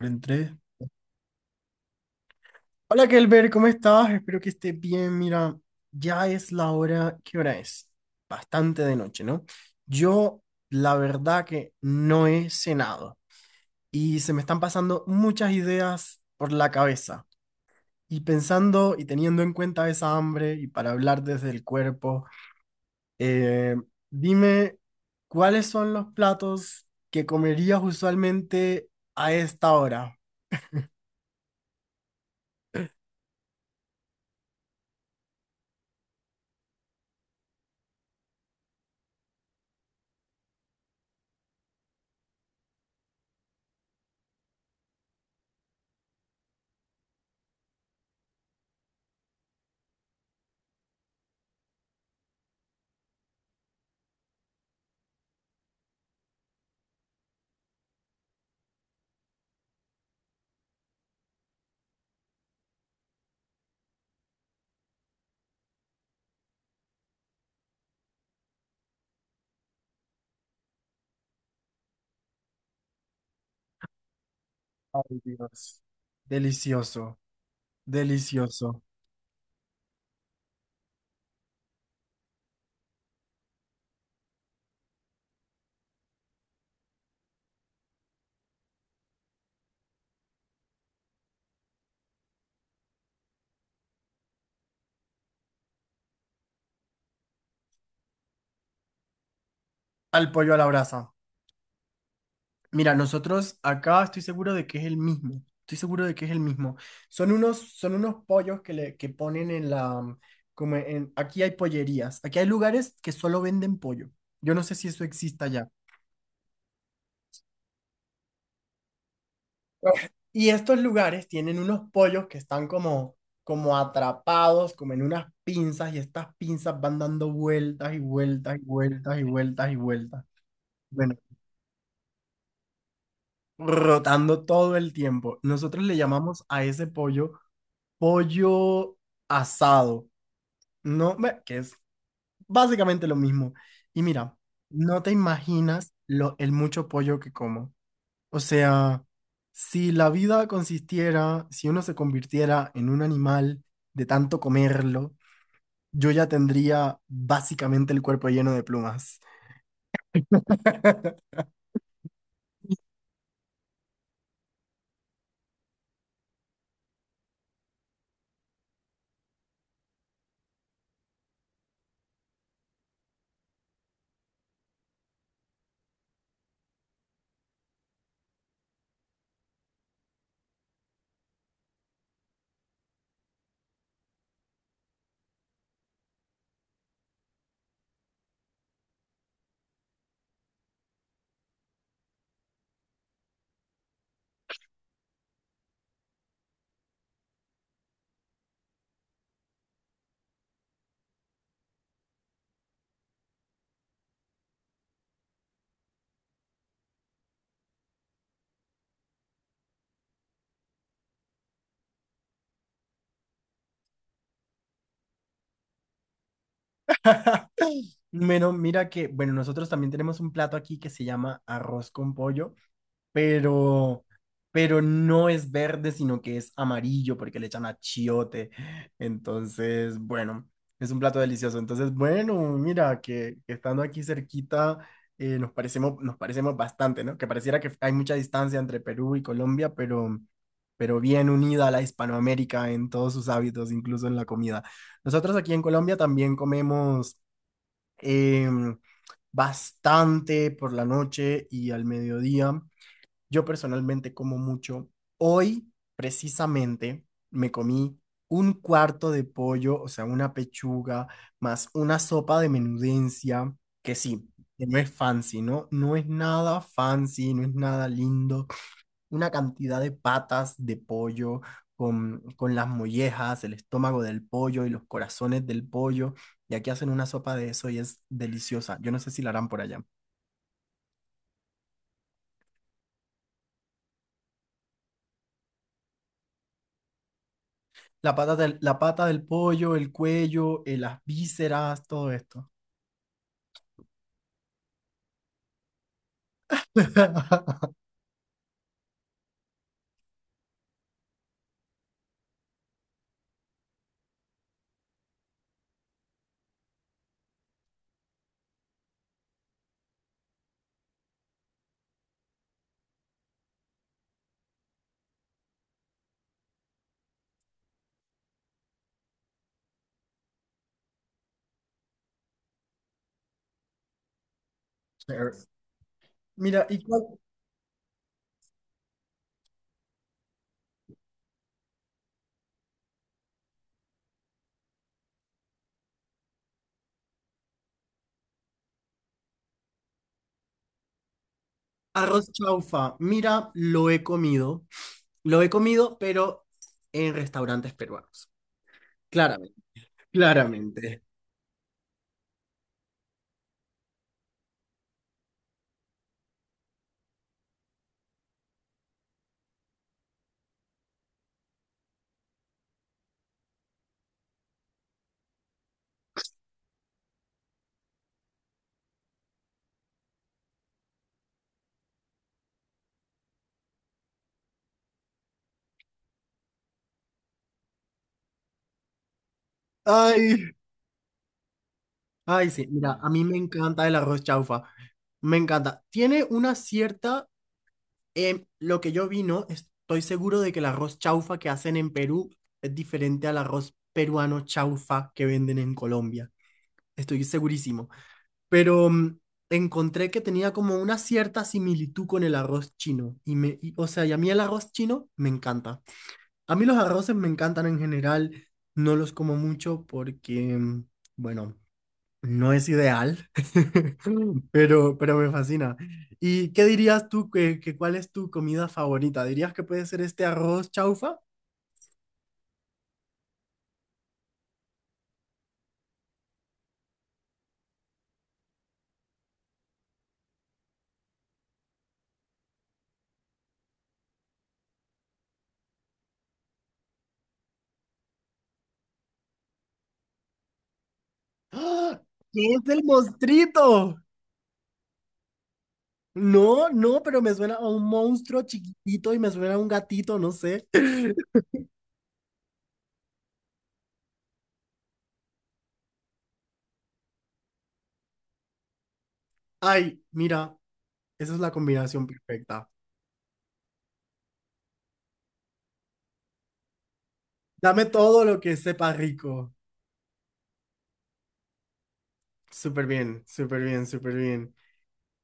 Entré. Hola Kelber, ¿cómo estás? Espero que estés bien. Mira, ya es la hora. ¿Qué hora es? Bastante de noche, ¿no? Yo, la verdad que no he cenado y se me están pasando muchas ideas por la cabeza. Y pensando y teniendo en cuenta esa hambre y para hablar desde el cuerpo, eh, dime, ¿cuáles son los platos que comerías usualmente a esta hora? Ay, Dios, delicioso. Delicioso. Al pollo a la brasa. Mira, nosotros acá estoy seguro de que es el mismo. Estoy seguro de que es el mismo. Son unos pollos que le que ponen en la, como en, aquí hay pollerías. Aquí hay lugares que solo venden pollo. Yo no sé si eso exista ya. Y estos lugares tienen unos pollos que están como, como atrapados, como en unas pinzas, y estas pinzas van dando vueltas y vueltas y vueltas y vueltas y vueltas. Bueno. Rotando todo el tiempo. Nosotros le llamamos a ese pollo pollo asado, ¿no? Ve, que es básicamente lo mismo. Y mira, no te imaginas lo, el mucho pollo que como. O sea, si la vida consistiera, si uno se convirtiera en un animal de tanto comerlo, yo ya tendría básicamente el cuerpo lleno de plumas. Bueno, mira que, bueno, nosotros también tenemos un plato aquí que se llama arroz con pollo pero, pero no es verde, sino que es amarillo porque le echan achiote. Entonces, bueno, es un plato delicioso. Entonces, bueno, mira, que estando aquí cerquita, nos parecemos bastante, ¿no? Que pareciera que hay mucha distancia entre Perú y Colombia, pero bien unida a la Hispanoamérica en todos sus hábitos, incluso en la comida. Nosotros aquí en Colombia también comemos... em, bastante por la noche y al mediodía. Yo personalmente como mucho. Hoy, precisamente, me comí un cuarto de pollo, o sea, una pechuga, más una sopa de menudencia, que sí, que no es fancy, ¿no? No es nada fancy, no es nada lindo. Una cantidad de patas de pollo con las mollejas, el estómago del pollo y los corazones del pollo. Y aquí hacen una sopa de eso y es deliciosa. Yo no sé si la harán por allá. La pata del pollo, el cuello, las vísceras, todo esto. Sure. Mira, ¿y cuál? Arroz chaufa. Mira, lo he comido. Lo he comido, pero en restaurantes peruanos. Claramente. Claramente. Ay, ay, sí. Mira, a mí me encanta el arroz chaufa. Me encanta. Tiene una cierta, lo que yo vi, ¿no? Estoy seguro de que el arroz chaufa que hacen en Perú es diferente al arroz peruano chaufa que venden en Colombia. Estoy segurísimo. Pero encontré que tenía como una cierta similitud con el arroz chino. Y me, y- o sea, y a mí el arroz chino me encanta. A mí los arroces me encantan en general. No los como mucho porque, bueno, no es ideal, pero me fascina. ¿Y qué dirías tú que cuál es tu comida favorita? ¿Dirías que puede ser este arroz chaufa? ¡Ah! ¿Qué es el mostrito? No, no, pero me suena a un monstruo chiquitito y me suena a un gatito, no sé. Ay, mira, esa es la combinación perfecta. Dame todo lo que sepa rico. Súper bien, súper bien, súper bien.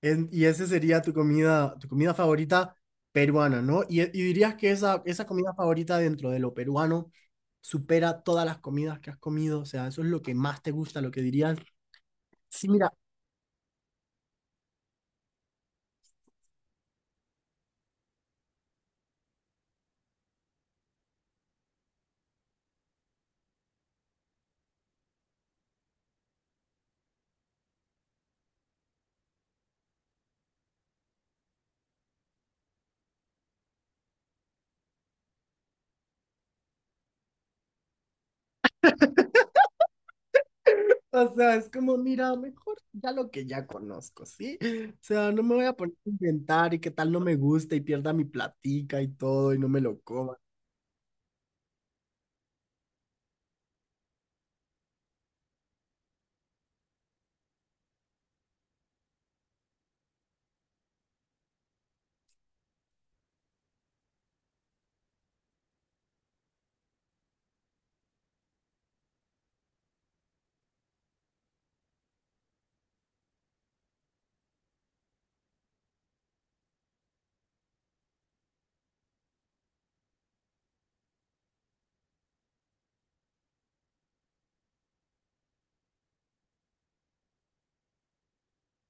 En- y esa sería tu comida favorita peruana, ¿no? Y dirías que esa comida favorita dentro de lo peruano supera todas las comidas que has comido. O sea, eso es lo que más te gusta, lo que dirías. Sí, mira, o sea, es como, mira, mejor ya lo que ya conozco, ¿sí? O sea, no me voy a poner a inventar y qué tal no me gusta y pierda mi platica y todo y no me lo coma.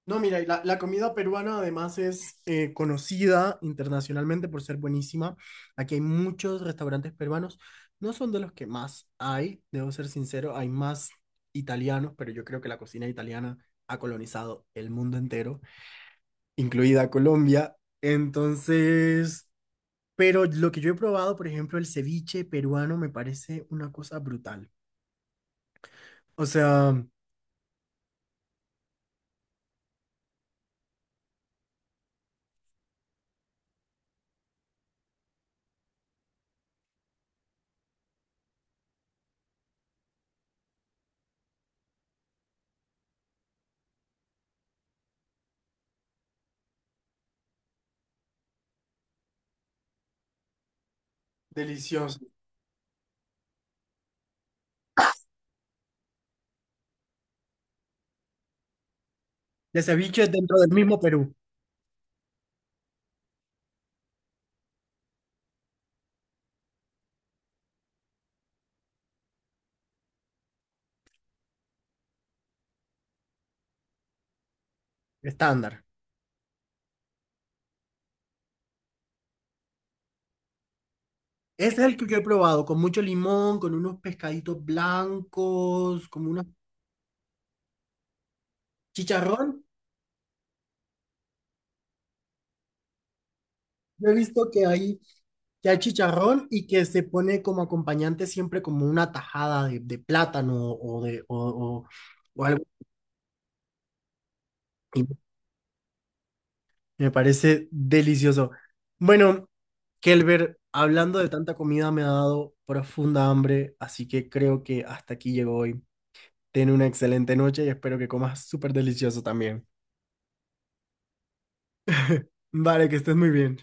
No, mira, y la comida peruana además es conocida internacionalmente por ser buenísima. Aquí hay muchos restaurantes peruanos. No son de los que más hay, debo ser sincero, hay más italianos, pero yo creo que la cocina italiana ha colonizado el mundo entero, incluida Colombia. Entonces... Pero lo que yo he probado, por ejemplo, el ceviche peruano me parece una cosa brutal. O sea, delicioso. El ceviche dentro del mismo Perú, estándar. Ese es el que yo he probado, con mucho limón, con unos pescaditos blancos, como una chicharrón. Yo he visto que hay chicharrón y que se pone como acompañante siempre como una tajada de plátano o de o algo. Así. Me parece delicioso. Bueno, Kelber, hablando de tanta comida me ha dado profunda hambre, así que creo que hasta aquí llegó hoy. Ten una excelente noche y espero que comas súper delicioso también. Vale, que estés muy bien.